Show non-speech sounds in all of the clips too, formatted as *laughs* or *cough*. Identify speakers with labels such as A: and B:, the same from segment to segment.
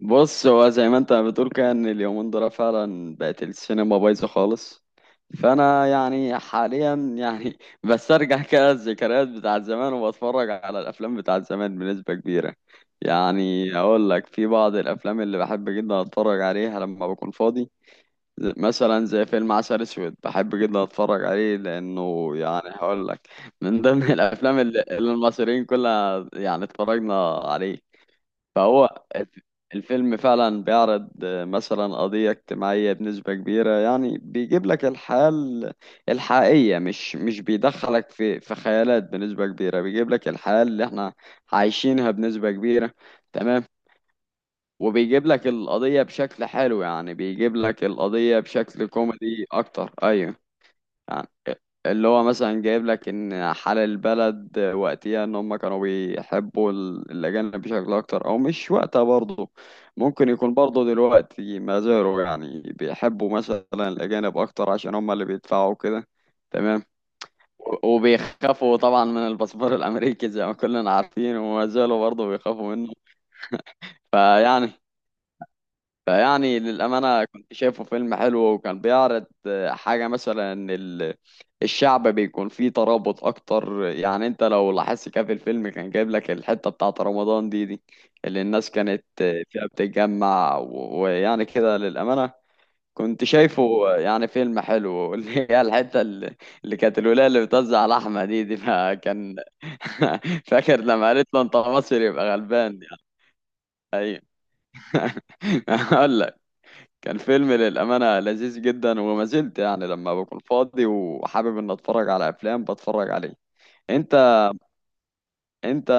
A: بص، هو زي ما انت بتقول كده ان اليومين دول فعلا بقت السينما بايظه خالص. فانا يعني حاليا يعني *laughs* بسترجع كده الذكريات بتاعت زمان وبتفرج على الافلام بتاعت زمان بنسبه كبيره. يعني اقول لك في بعض الافلام اللي بحب جدا اتفرج عليها لما بكون فاضي. مثلا زي فيلم عسل اسود بحب جدا اتفرج عليه لانه يعني هقول لك، من ضمن *laughs* الافلام اللي المصريين كلها يعني اتفرجنا عليه. فهو الف- الفيلم فعلا بيعرض مثلا قضية اجتماعية بنسبة كبيرة. يعني بيجيب لك الحياة الحقيقية، مش بيدخلك في خيالات بنسبة كبيرة، بيجيب لك الحياة اللي احنا عايشينها بنسبة كبيرة. تمام. وبيجيب لك القضية بشكل حلو، يعني بيجيب لك القضية بشكل كوميدي أكتر، أيوه. يعني اللي هو مثلا جايب لك ان حال البلد وقتها ان هم كانوا بيحبوا الاجانب بشكل اكتر، او مش وقتها برضه ممكن يكون برضه دلوقتي ما زالوا يعني بيحبوا مثلا الاجانب اكتر عشان هم اللي بيدفعوا كده. تمام. وبيخافوا طبعا من الباسبور الامريكي زي ما كلنا عارفين، وما زالوا برضه بيخافوا منه. فيعني فيعني للأمانة كنت شايفه فيلم حلو، وكان بيعرض حاجة، مثلا إن الشعب بيكون فيه ترابط أكتر. يعني أنت لو لاحظت كده في الفيلم، كان جايب لك الحتة بتاعة رمضان دي اللي الناس كانت فيها بتتجمع ويعني كده للأمانة كنت شايفه يعني فيلم حلو. *laughs* اللي هي الحتة اللي كانت الولاية اللي بتوزع لحمة دي فكان *laughs* فاكر لما قالت له أنت مصري يبقى غلبان، يعني. أيوه. *laughs* أقول لك كان فيلم للأمانة لذيذ جدا، وما زلت يعني لما بكون فاضي وحابب إن أتفرج على أفلام بتفرج عليه. أنت. أنت.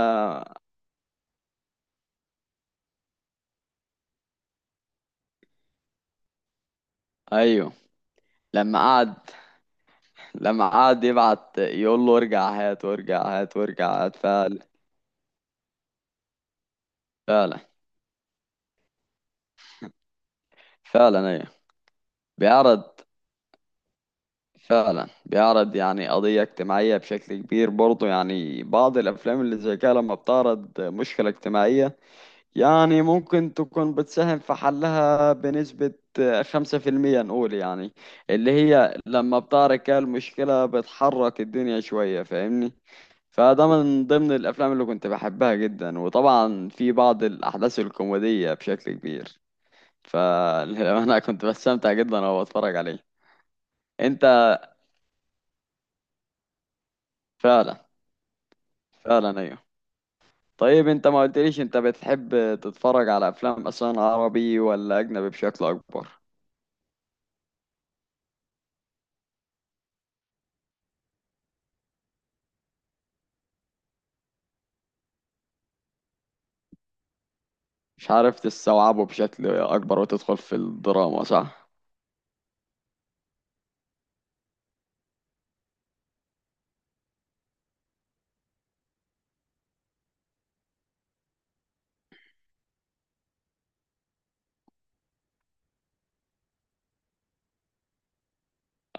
A: أيوه. لما قعد لما قعد يبعت يقول له ارجع هات وارجع هات وارجع هات، فعلا. فعلا. فعلا، أيوه. بيعرض، فعلا بيعرض يعني قضية اجتماعية بشكل كبير برضه. يعني بعض الأفلام اللي زي كده لما بتعرض مشكلة اجتماعية، يعني ممكن تكون بتساهم في حلها بنسبة 5% نقول، يعني اللي هي لما بتعرف كده المشكلة بتحرك الدنيا شوية، فاهمني. فده من ضمن الأفلام اللي كنت بحبها جدا، وطبعا في بعض الأحداث الكوميدية بشكل كبير. فأنا *laughs* كنت بستمتع جدا وأنا بتفرج عليه. أنت. فعلا. فعلا، أيوه. طيب أنت ما قلتليش أنت بتحب تتفرج على أفلام أصلا عربي ولا أجنبي بشكل أكبر؟ مش عارف تستوعبه بشكل أكبر وتدخل في الدراما صح؟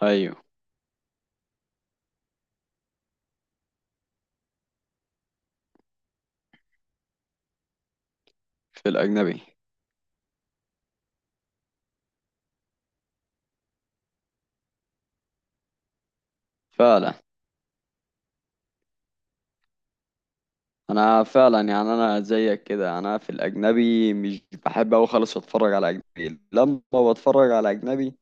A: أيوه، في الأجنبي. فعلا. أنا فعلا يعني أنا زيك كده، أنا في الأجنبي مش بحب أوي خالص أتفرج على أجنبي. لما بتفرج على أجنبي،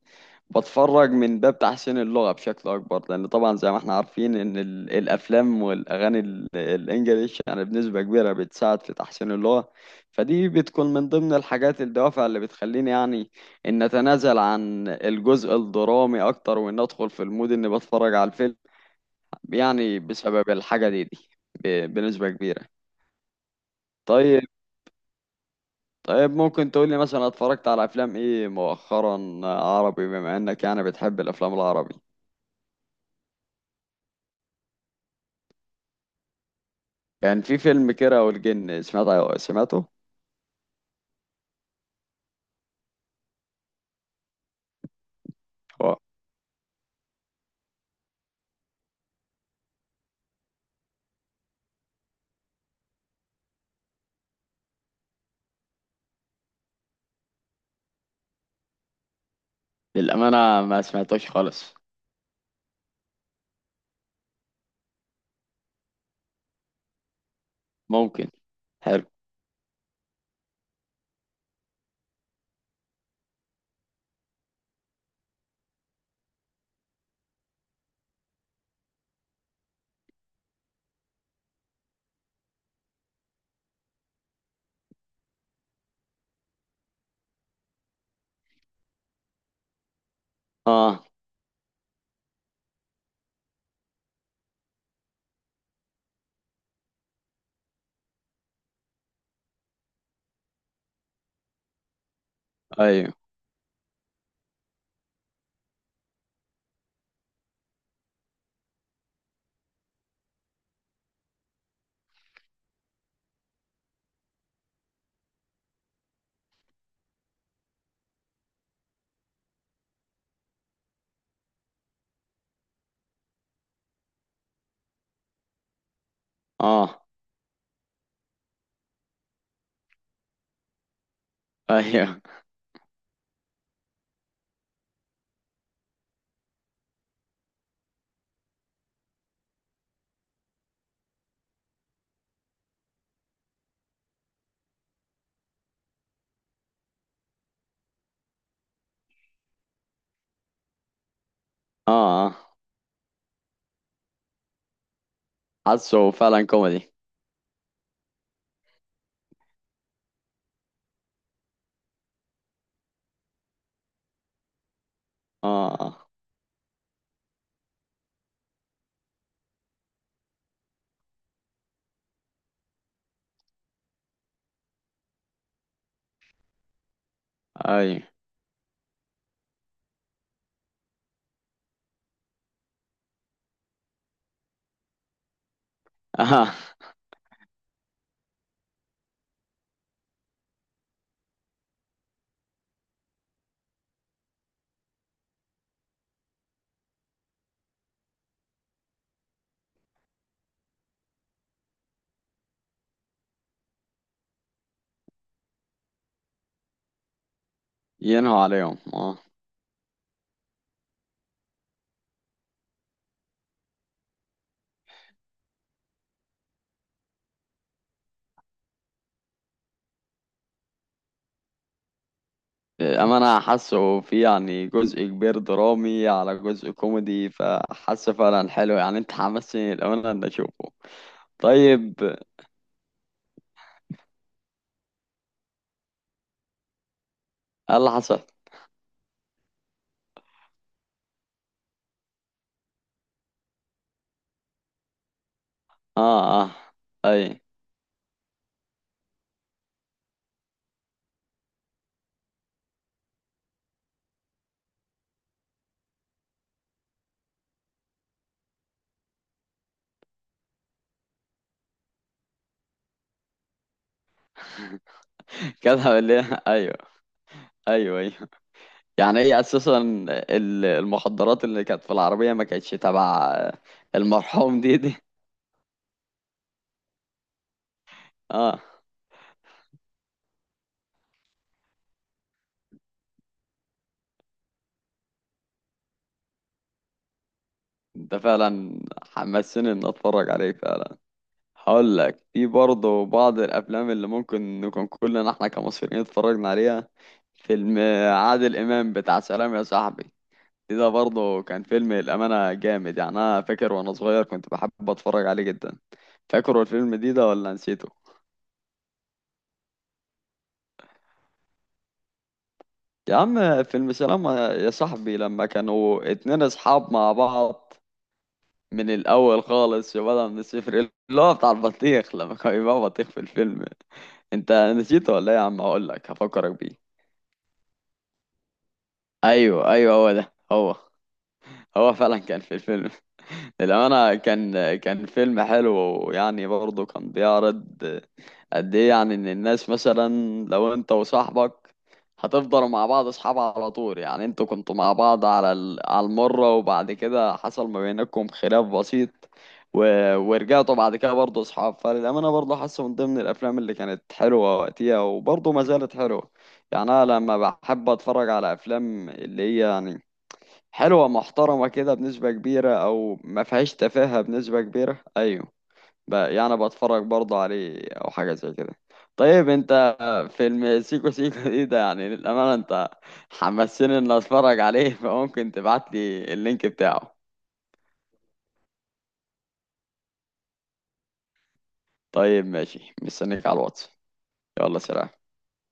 A: بتفرج من باب تحسين اللغة بشكل أكبر، لأن طبعا زي ما احنا عارفين إن الأفلام والأغاني الإنجليش يعني بنسبة كبيرة بتساعد في تحسين اللغة. فدي بتكون من ضمن الحاجات الدوافع اللي بتخليني يعني إن أتنازل عن الجزء الدرامي أكتر، وإن أدخل في المود إني بتفرج على الفيلم، يعني بسبب الحاجة دي، بنسبة كبيرة. طيب. طيب ممكن تقولي مثلا اتفرجت على أفلام إيه مؤخرا عربي، بما إنك يعني بتحب الأفلام العربي؟ كان في فيلم كيرة والجن، سمعته؟ هو للأمانة ما سمعتوش خالص. ممكن. حلو. اه. ايوه. اه. ايوه. اه. اه. حاسه فعلا كوميدي. اه. اه. ايوه. اه. ينهوا عليهم، اه. للأمانة حاسه في يعني جزء كبير درامي على جزء كوميدي، فحاسه فعلا حلو. يعني انت حمسني للأمانة ان اشوفه. طيب ايه اللي حصل؟ اه. اه. ايوه. *laughs* كده ليه؟ ايوه. ايوه. ايوه. يعني هي اساسا المخدرات اللي كانت في العربيه ما كانتش تبع المرحوم دي. اه. ده فعلا حمسني ان اتفرج عليه فعلا. هقول لك في برضه بعض الافلام اللي ممكن نكون كلنا احنا كمصريين اتفرجنا عليها. فيلم عادل امام بتاع سلام يا صاحبي، ده برضه كان فيلم الامانه جامد يعني. انا فاكر وانا صغير كنت بحب اتفرج عليه جدا. فاكر الفيلم ده ولا نسيته؟ يا عم فيلم سلام يا صاحبي، لما كانوا 2 اصحاب مع بعض من الاول خالص، بدل من الصفر، اللي هو بتاع البطيخ لما كان يبقى بطيخ في الفيلم. انت نسيته ولا ايه يا عم؟ هقول لك هفكرك بيه. ايوه ايوه، هو ده هو. هو فعلا كان في الفيلم. *laughs* للأمانة، كان فيلم حلو. ويعني برضه كان بيعرض قد ايه يعني ان الناس مثلا، لو انت وصاحبك هتفضلوا مع بعض اصحاب على طول. يعني انتوا كنتوا مع بعض على على المرة، وبعد كده حصل ما بينكم خلاف بسيط و... ورجعتوا بعد كده برضه اصحاب. فللأمانة برضه حاسه من ضمن الافلام اللي كانت حلوة وقتها، وبرضه ما زالت حلوة. يعني انا لما بحب اتفرج على افلام اللي هي يعني حلوة محترمة كده بنسبة كبيرة، او ما فيهاش تفاهة بنسبة كبيرة. ايوه، بقى يعني بتفرج برضه عليه او حاجه زي كده. طيب انت. فيلم سيكو سيكو ده يعني للامانه انت حمسني ان اتفرج عليه، فممكن تبعت لي اللينك بتاعه؟ طيب ماشي مستنيك على الواتس. يلا سلام.